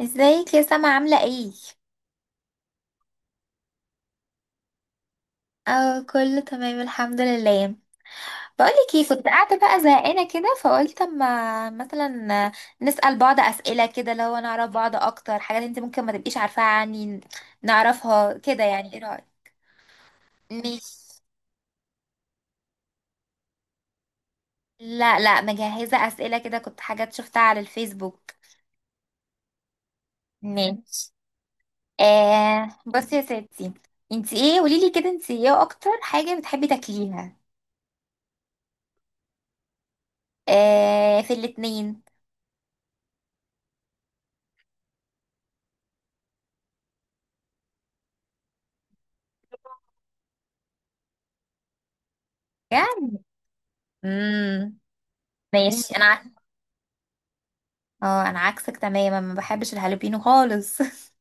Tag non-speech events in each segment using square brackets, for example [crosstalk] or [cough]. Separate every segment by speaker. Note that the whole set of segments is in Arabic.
Speaker 1: ازيك يا سما عاملة ايه؟ اه، كله تمام الحمد لله. بقولك ايه، كنت قاعدة بقى زهقانة كده فقلت اما مثلا نسأل بعض اسئلة كده لو نعرف بعض اكتر، حاجات انت ممكن ما تبقيش عارفاها عني نعرفها كده، يعني ايه رأيك؟ ماشي. لا مجهزة اسئلة كده، كنت حاجات شفتها على الفيسبوك. ماشي. آه بصي يا ستي، انت ايه قوليلي كده، انت ايه اكتر حاجة بتحبي تاكليها؟ آه، في الاتنين. يعني امم ماشي اه، انا عكسك تماما، ما بحبش الهالوبينو خالص. [laughs]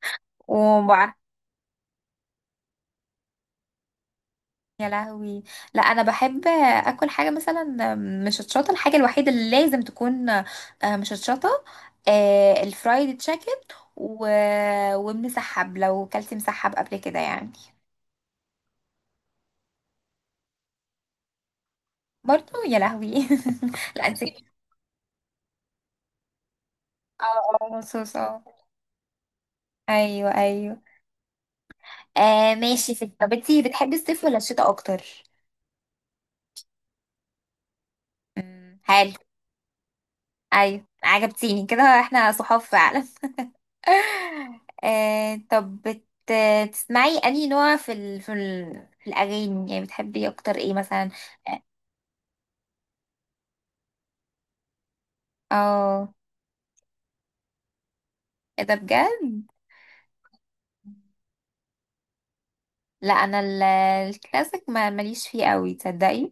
Speaker 1: وبع... يا لهوي. لا انا بحب اكل حاجه مثلا مشطشطه، الحاجه الوحيده اللي لازم تكون مشطشطه الفرايد تشيكن و... ومسحب، لو كلت مسحب قبل كده يعني. برضو يا لهوي. [laughs] لا انت اه. اه مصوص اه. ايوه ايوه. آه ماشي ست، طب انتي بتحبي الصيف ولا الشتاء اكتر؟ حلو. ايوه عجبتيني كده، احنا صحاب فعلا. [laughs] آه طب تسمعي انهي نوع في الاغاني يعني بتحبي اكتر ايه مثلا؟ اه آه. ايه ده بجد؟ لا انا الكلاسيك ما ماليش فيه قوي تصدقي.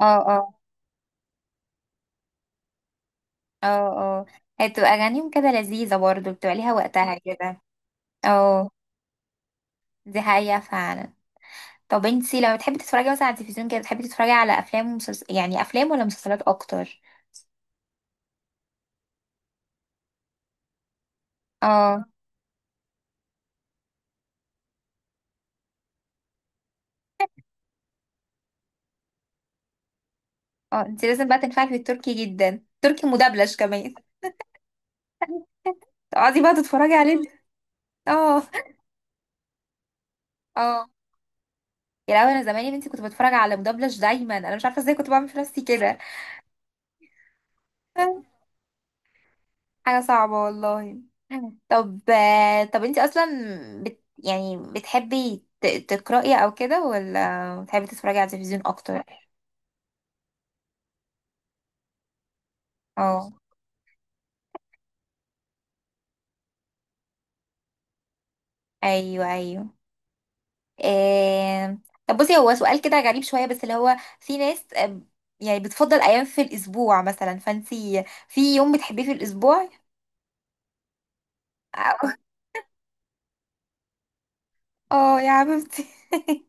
Speaker 1: اه اه. اه اه. هي بتبقى اغانيهم كده لذيذه برضو، بتبقى ليها وقتها كده. اه. دي حقيقه فعلا. طب انتي لما بتحبي تتفرجي مثلا على التلفزيون كده، بتحبي تتفرجي على افلام يعني افلام ولا مسلسلات اكتر؟ اه. اه انت لازم بقى تنفعي في التركي جدا، تركي مدبلج كمان. [laughs] تقعدي بقى تتفرجي عليه. اه اه. يا لهوي انا زمان يا بنتي كنت بتفرج على مدبلج دايما، انا مش عارفه ازاي كنت بعمل في نفسي كده. [laughs] حاجه صعبه والله. طب طب انت اصلا يعني بتحبي تقراي او كده ولا بتحبي تتفرجي على التلفزيون اكتر؟ اه. ايوه ايوه. آه... طب بصي، هو سؤال كده غريب شوية بس اللي هو في ناس يعني بتفضل أيام في الأسبوع مثلا، فانتي في يوم بتحبيه في الأسبوع؟ اه آه، يا حبيبتي. [laughs]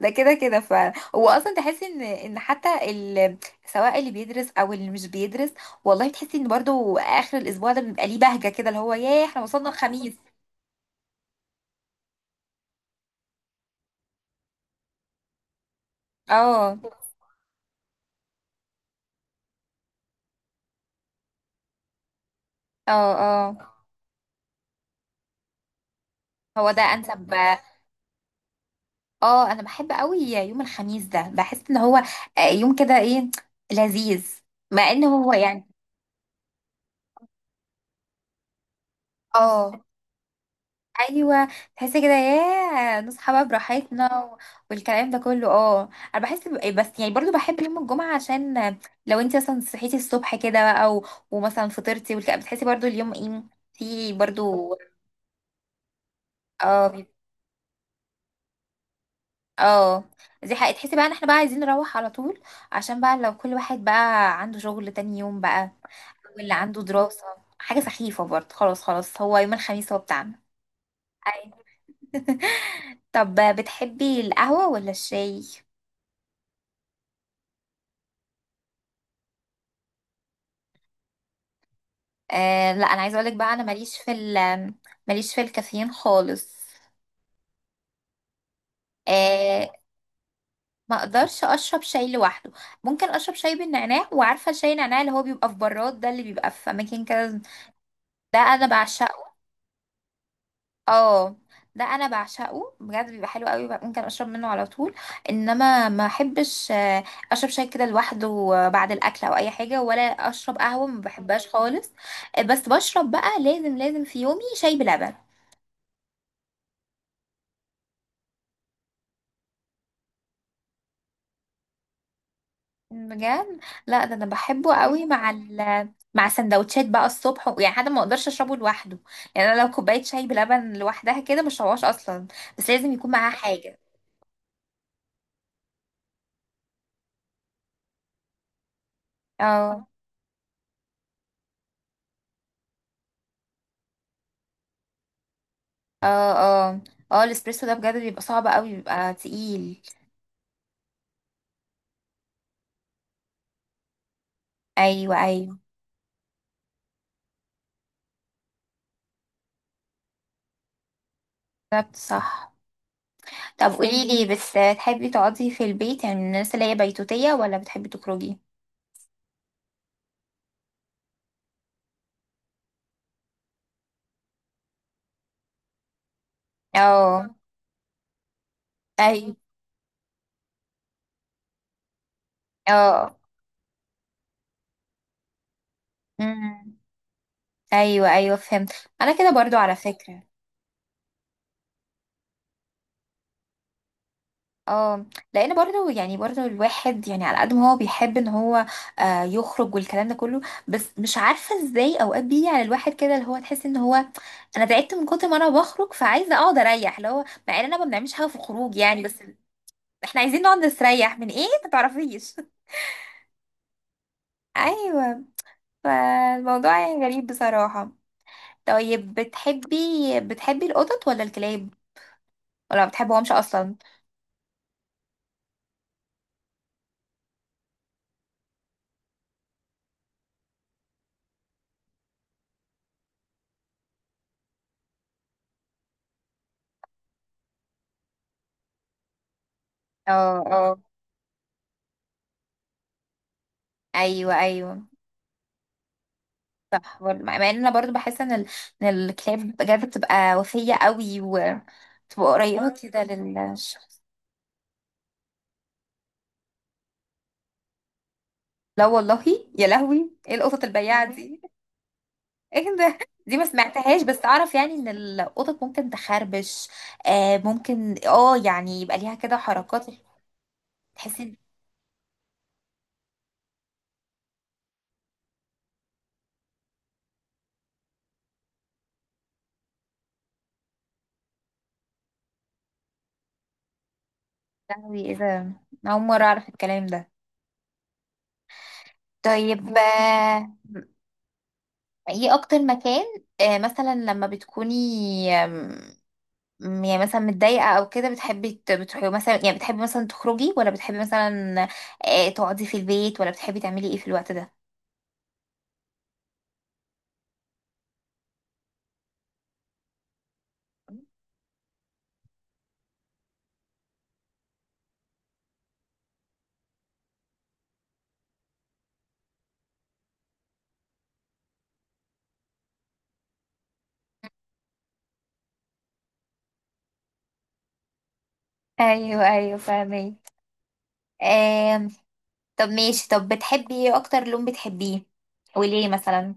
Speaker 1: ده كده كده ف هو اصلا تحسي ان ان حتى سواء اللي بيدرس او اللي مش بيدرس، والله بتحسي ان برضو اخر الاسبوع ده بيبقى ليه بهجة كده، اللي هو ياه احنا وصلنا الخميس. اه اه. اه هو ده انسب. اه انا بحب قوي يوم الخميس ده، بحس ان هو يوم كده ايه لذيذ، مع ان هو يعني اه. ايوه. تحسي كده ياه نصحى بقى براحتنا والكلام ده كله. اه انا بحس ب- إيه، بس يعني برضو بحب يوم الجمعه، عشان لو انت مثلا صحيتي الصبح كده او ومثلا فطرتي والكلام، بتحسي برضو اليوم ايه في برضو. اه اه. دي حقيقة، تحسي بقى ان احنا بقى عايزين نروح على طول عشان بقى لو كل واحد بقى عنده شغل تاني يوم بقى، واللي عنده دراسة. حاجة سخيفة برضه. خلاص، هو يوم الخميس هو بتاعنا. أيوة. [laughs] طب بتحبي القهوة ولا الشاي؟ آه لا أنا عايزة أقولك بقى أنا ماليش في ال ماليش في الكافيين خالص. آه، ما أقدرش أشرب شاي لوحده. ممكن أشرب شاي بالنعناع، وعارفة شاي النعناع اللي هو بيبقى في براد ده اللي بيبقى في أماكن كده، ده أنا بعشقه. اه ده انا بعشقه بجد، بيبقى حلو قوي بقى، ممكن اشرب منه على طول. انما ما احبش اشرب شاي كده لوحده بعد الاكل او اي حاجه، ولا اشرب قهوه ما بحبهاش خالص. بس بشرب بقى، لازم في يومي شاي بلبن. بجد، لا ده انا بحبه قوي مع ال مع سندوتشات بقى الصبح يعني، حتى ما اقدرش اشربه لوحده يعني. انا لو كوبايه شاي بلبن لوحدها كده مش هشربهاش اصلا، بس لازم يكون معاها حاجه. اه اه. اه اه. الاسبريسو ده بجد بيبقى صعب قوي، بيبقى تقيل. ايوه ايوه. بالظبط صح. طب قولي لي بس، تحبي تقعدي في البيت يعني من الناس اللي هي بيتوتية، ولا بتحبي تخرجي؟ اه. ايوه اه. امم ايوه ايوه فهمت. انا كده برضو على فكرة. اه. لان برضه يعني برضه الواحد يعني على قد ما هو بيحب ان هو يخرج والكلام ده كله، بس مش عارفه ازاي اوقات بيجي على الواحد كده اللي هو تحس ان هو، انا تعبت من كتر ما انا بخرج فعايزه اقعد اريح، اللي هو مع اننا ما بنعملش حاجه في الخروج يعني، بس احنا عايزين نقعد نستريح من ايه ما تعرفيش. [laughs] ايوه. فالموضوع يعني غريب بصراحه. طيب بتحبي، بتحبي القطط ولا الكلاب، ولا ما بتحبهمش اصلا؟ اه اه. ايوه ايوه. مع ان انا برضو بحس ان ان الكتاب بجد بتبقى وفية قوي وتبقى قريبة كده للشخص. لا والله. يا لهوي ايه القطط البياعة دي. [laughs] ايه ده، دي ما سمعتهاش، بس اعرف يعني ان القطط ممكن تخربش. آه ممكن اه، يعني يبقى ليها كده حركات، تحسي ان يا لهوي ايه ده. أنا اول مرة اعرف الكلام ده. طيب ايه اكتر مكان آه مثلا لما بتكوني يعني مثلا متضايقة او كده، بتحبي بتروحي مثلا، يعني بتحبي مثلا تخرجي ولا بتحبي مثلا تقعدي في البيت، ولا بتحبي تعملي ايه في الوقت ده؟ ايوه ايوه فاهمين. آم، طب ماشي، طب بتحبي ايه اكتر لون بتحبيه، وليه مثلا؟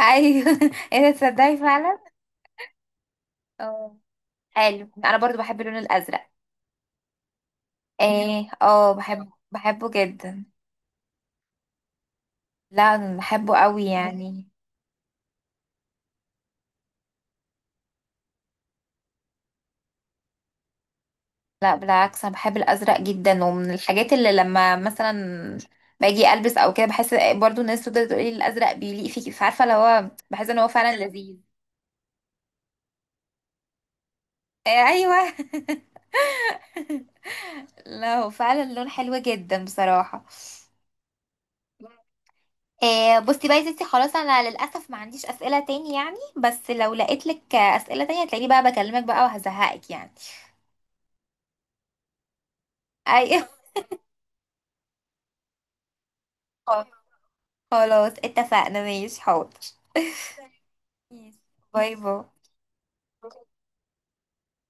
Speaker 1: ايوه. [laughs] ايه ده تصدقي فعلا. اه حلو، انا برضو بحب اللون الازرق. اه اه، بحب بحبه جدا. لا انا بحبه قوي يعني. لا بالعكس انا بحب الازرق جدا، ومن الحاجات اللي لما مثلا باجي البس او كده بحس، برضو الناس تفضل تقول لي الازرق بيليق فيكي، فعارفه اللي هو بحس ان هو فعلا لذيذ. آه، ايوه. [laughs] لا هو فعلا لون حلو جدا بصراحه. بصي بقى يا ستي، خلاص انا للاسف ما عنديش اسئله تاني يعني، بس لو لقيت لك اسئله تانية هتلاقيني بقى بكلمك بقى وهزهقك يعني. ايوه. [laughs] خلاص اتفقنا، ماشي حاضر. باي باي.